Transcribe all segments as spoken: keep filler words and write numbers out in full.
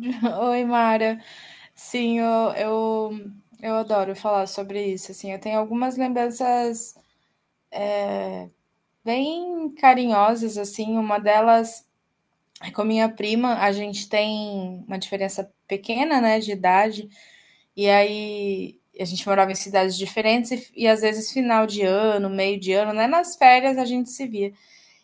Oi, Mara. Sim, eu, eu, eu adoro falar sobre isso, assim. Eu tenho algumas lembranças bem carinhosas, assim. Uma delas é com a minha prima. A gente tem uma diferença pequena, né, de idade. E aí a gente morava em cidades diferentes e, e às vezes final de ano, meio de ano, né? Nas férias a gente se via.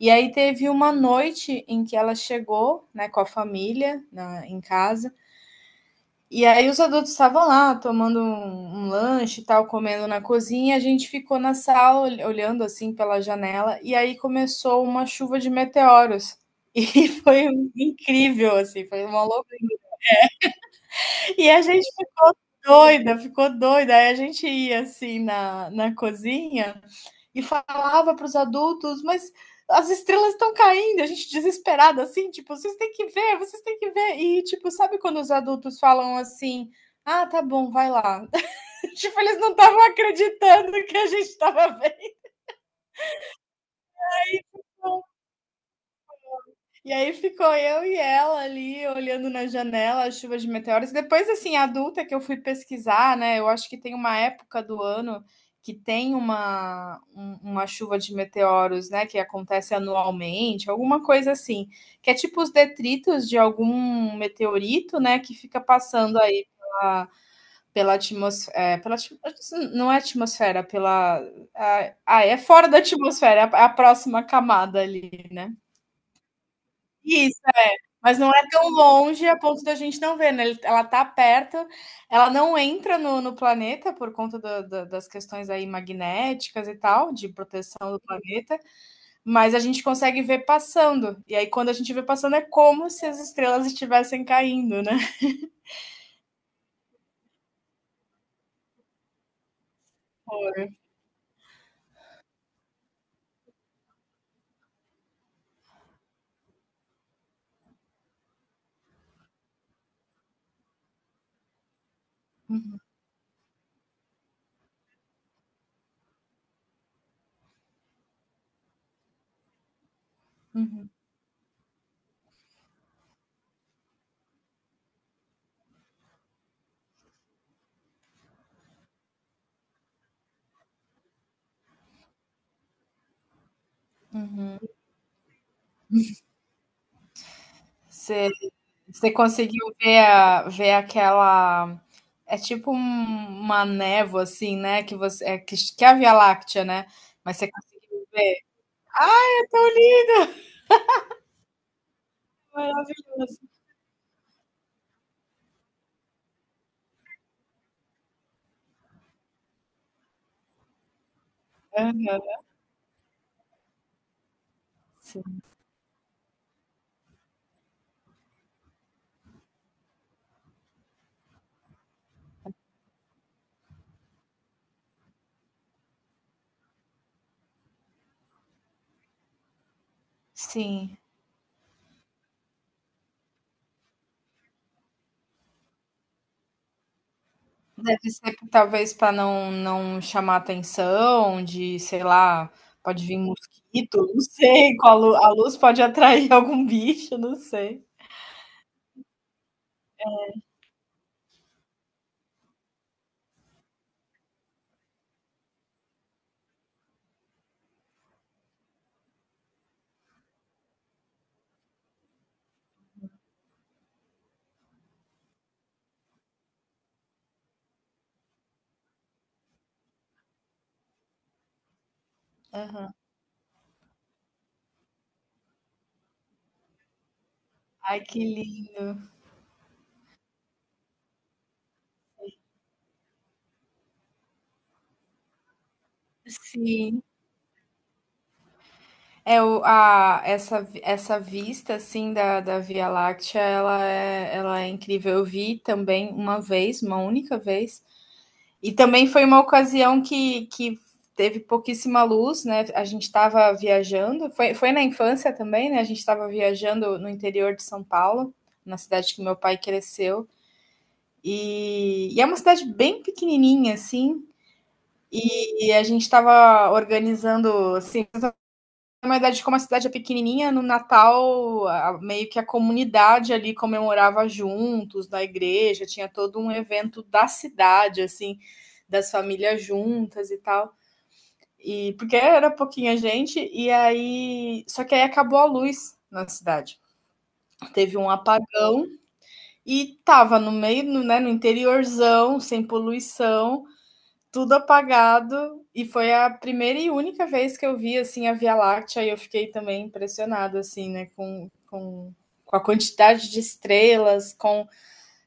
E aí teve uma noite em que ela chegou, né, com a família na- em casa. E aí os adultos estavam lá tomando um um lanche e tal, comendo na cozinha, a gente ficou na sala olhando, assim, pela janela, e aí começou uma chuva de meteoros. E foi incrível, assim, foi uma loucura. E a gente ficou doida, ficou doida, aí a gente ia, assim, na na cozinha e falava para os adultos, mas as estrelas estão caindo, a gente desesperada assim, tipo, vocês têm que ver, vocês têm que ver. E tipo, sabe quando os adultos falam assim: "Ah, tá bom, vai lá". Tipo, eles não estavam acreditando que a gente estava vendo. E aí ficou eu e ela ali olhando na janela a chuva de meteoros. Depois, assim, adulta que eu fui pesquisar, né? Eu acho que tem uma época do ano que tem uma, um- uma chuva de meteoros, né? Que acontece anualmente, alguma coisa assim. Que é tipo os detritos de algum meteorito, né? Que fica passando aí pela, pela atmosfera. Pela, atmo- não é atmosfera, pela. Ah, ah, é fora da atmosfera, é a a próxima camada ali, né? Isso. Mas não é tão longe a ponto da gente não ver, né? Ele- Ela tá perto, ela não entra no, no planeta por conta da- da- das questões aí magnéticas e tal, de proteção do planeta, mas a gente consegue ver passando. E aí, quando a gente vê passando, é como se as estrelas estivessem caindo, né? Você, você conseguiu ver, a- ver aquela. É tipo um- uma névoa, assim, né? Que, você, é, que, que é a Via Láctea, né? Mas você conseguiu. Maravilhoso. Aham, sim. Sim. Deve ser talvez para não não chamar atenção de, sei lá, pode vir mosquito, não sei, com a lu a luz pode atrair algum bicho, não sei. Aham. Ai, que lindo. Sim. É o a essa vi essa vista, assim, da da Via Láctea, ela é ela é incrível. Eu vi também uma vez, uma única vez, e também foi uma ocasião que, que teve pouquíssima luz, né? A gente estava viajando, foi, foi na infância também, né? A gente estava viajando no interior de São Paulo, na cidade que meu pai cresceu. E, e é uma cidade bem pequenininha, assim. E, e a gente estava organizando, assim, na verdade, como a cidade é pequenininha, no Natal, a meio que a comunidade ali comemorava juntos, na igreja, tinha todo um evento da cidade, assim, das famílias juntas e tal. E porque era pouquinha gente, e aí. Só que aí acabou a luz na cidade. Teve um apagão e tava no meio, no, né, no interiorzão, sem poluição, tudo apagado, e foi a primeira e única vez que eu vi, assim, a Via Láctea, e eu fiquei também impressionada, assim, né, com, com, com a quantidade de estrelas, com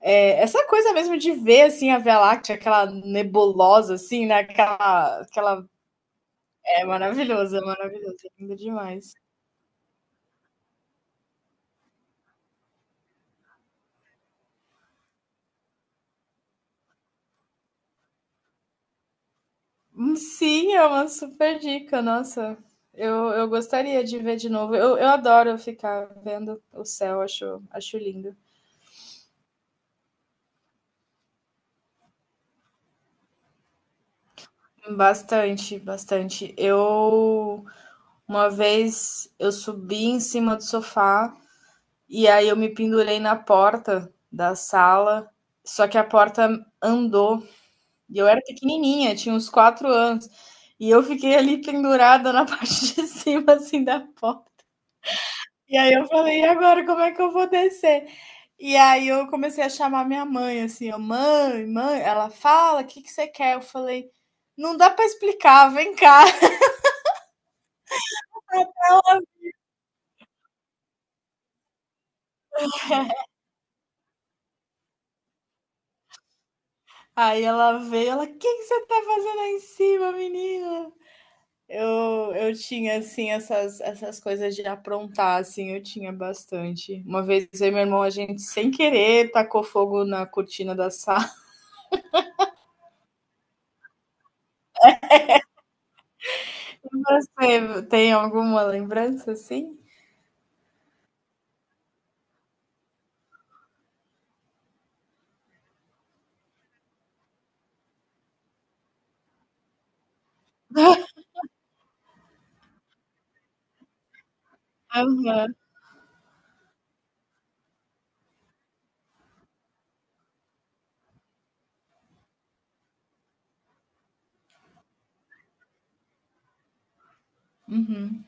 é, essa coisa mesmo de ver, assim, a Via Láctea, aquela nebulosa, assim, né, aquela... aquela é maravilhosa maravilhosa maravilhoso, é lindo demais. Hum, Sim, é uma super dica, nossa. Eu, eu gostaria de ver de novo. Eu, eu adoro ficar vendo o céu, acho, acho lindo. Bastante, bastante. Eu Uma vez eu subi em cima do sofá e aí eu me pendurei na porta da sala, só que a porta andou e eu era pequenininha, tinha uns quatro anos e eu fiquei ali pendurada na parte de cima assim da porta. E aí eu falei, e agora como é que eu vou descer? E aí eu comecei a chamar minha mãe assim, eu, mãe, mãe, ela fala, o que que você quer? Eu falei, não dá para explicar, vem cá. Aí ela veio, ela, o que que você tá fazendo aí em cima, menina? Eu, eu tinha, assim, essas, essas coisas de aprontar, assim, eu tinha bastante. Uma vez eu e meu irmão, a gente, sem querer, tacou fogo na cortina da sala. Você tem alguma lembrança, assim? Aham. Uhum.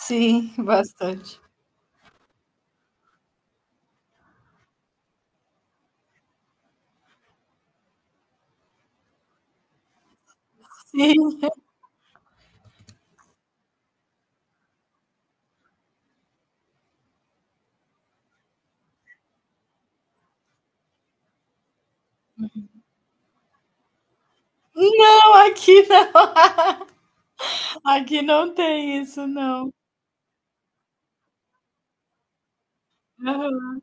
Sim, bastante. Sim. Não, aqui não. Aqui não tem isso, não. Aham,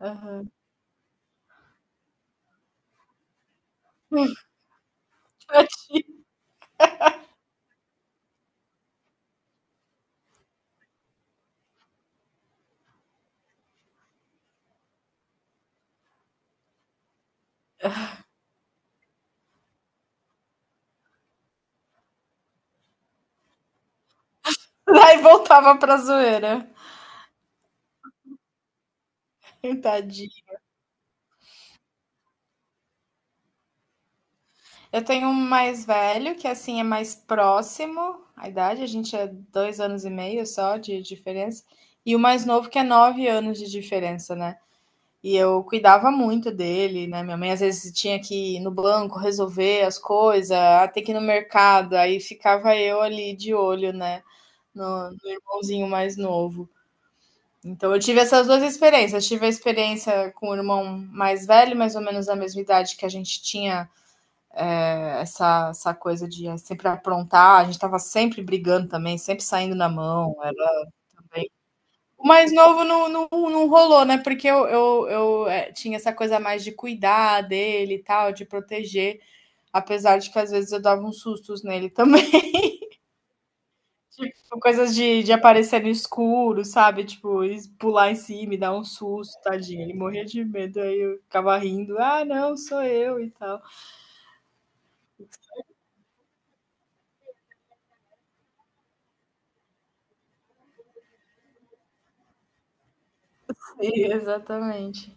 aham. Tadinho. Aí voltava pra zoeira. Tadinho. Eu tenho um mais velho, que assim é mais próximo à idade, a gente é dois anos e meio só de diferença, e o mais novo que é nove anos de diferença, né? E eu cuidava muito dele, né? Minha mãe às vezes tinha que ir no banco resolver as coisas, até que ir no mercado, aí ficava eu ali de olho, né? No, no irmãozinho mais novo. Então eu tive essas duas experiências. Eu tive a experiência com o irmão mais velho, mais ou menos da mesma idade que a gente tinha essa, essa coisa de eh, sempre aprontar, a gente tava sempre brigando também, sempre saindo na mão. Era bem... O mais novo não, não, não rolou, né? Porque eu, eu, eu é, tinha essa coisa mais de cuidar dele e tal, de proteger, apesar de que às vezes eu dava uns sustos nele também. Tipo, coisas de, de aparecer no escuro, sabe? Tipo, pular em cima e dar um susto, tadinho. Ele morria de medo, aí eu ficava rindo, ah, não, sou eu e tal. E, exatamente.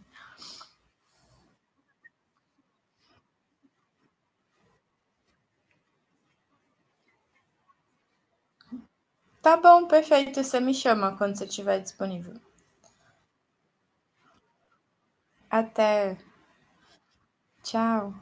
Tá bom, perfeito. Você me chama quando você estiver disponível. Até. Tchau.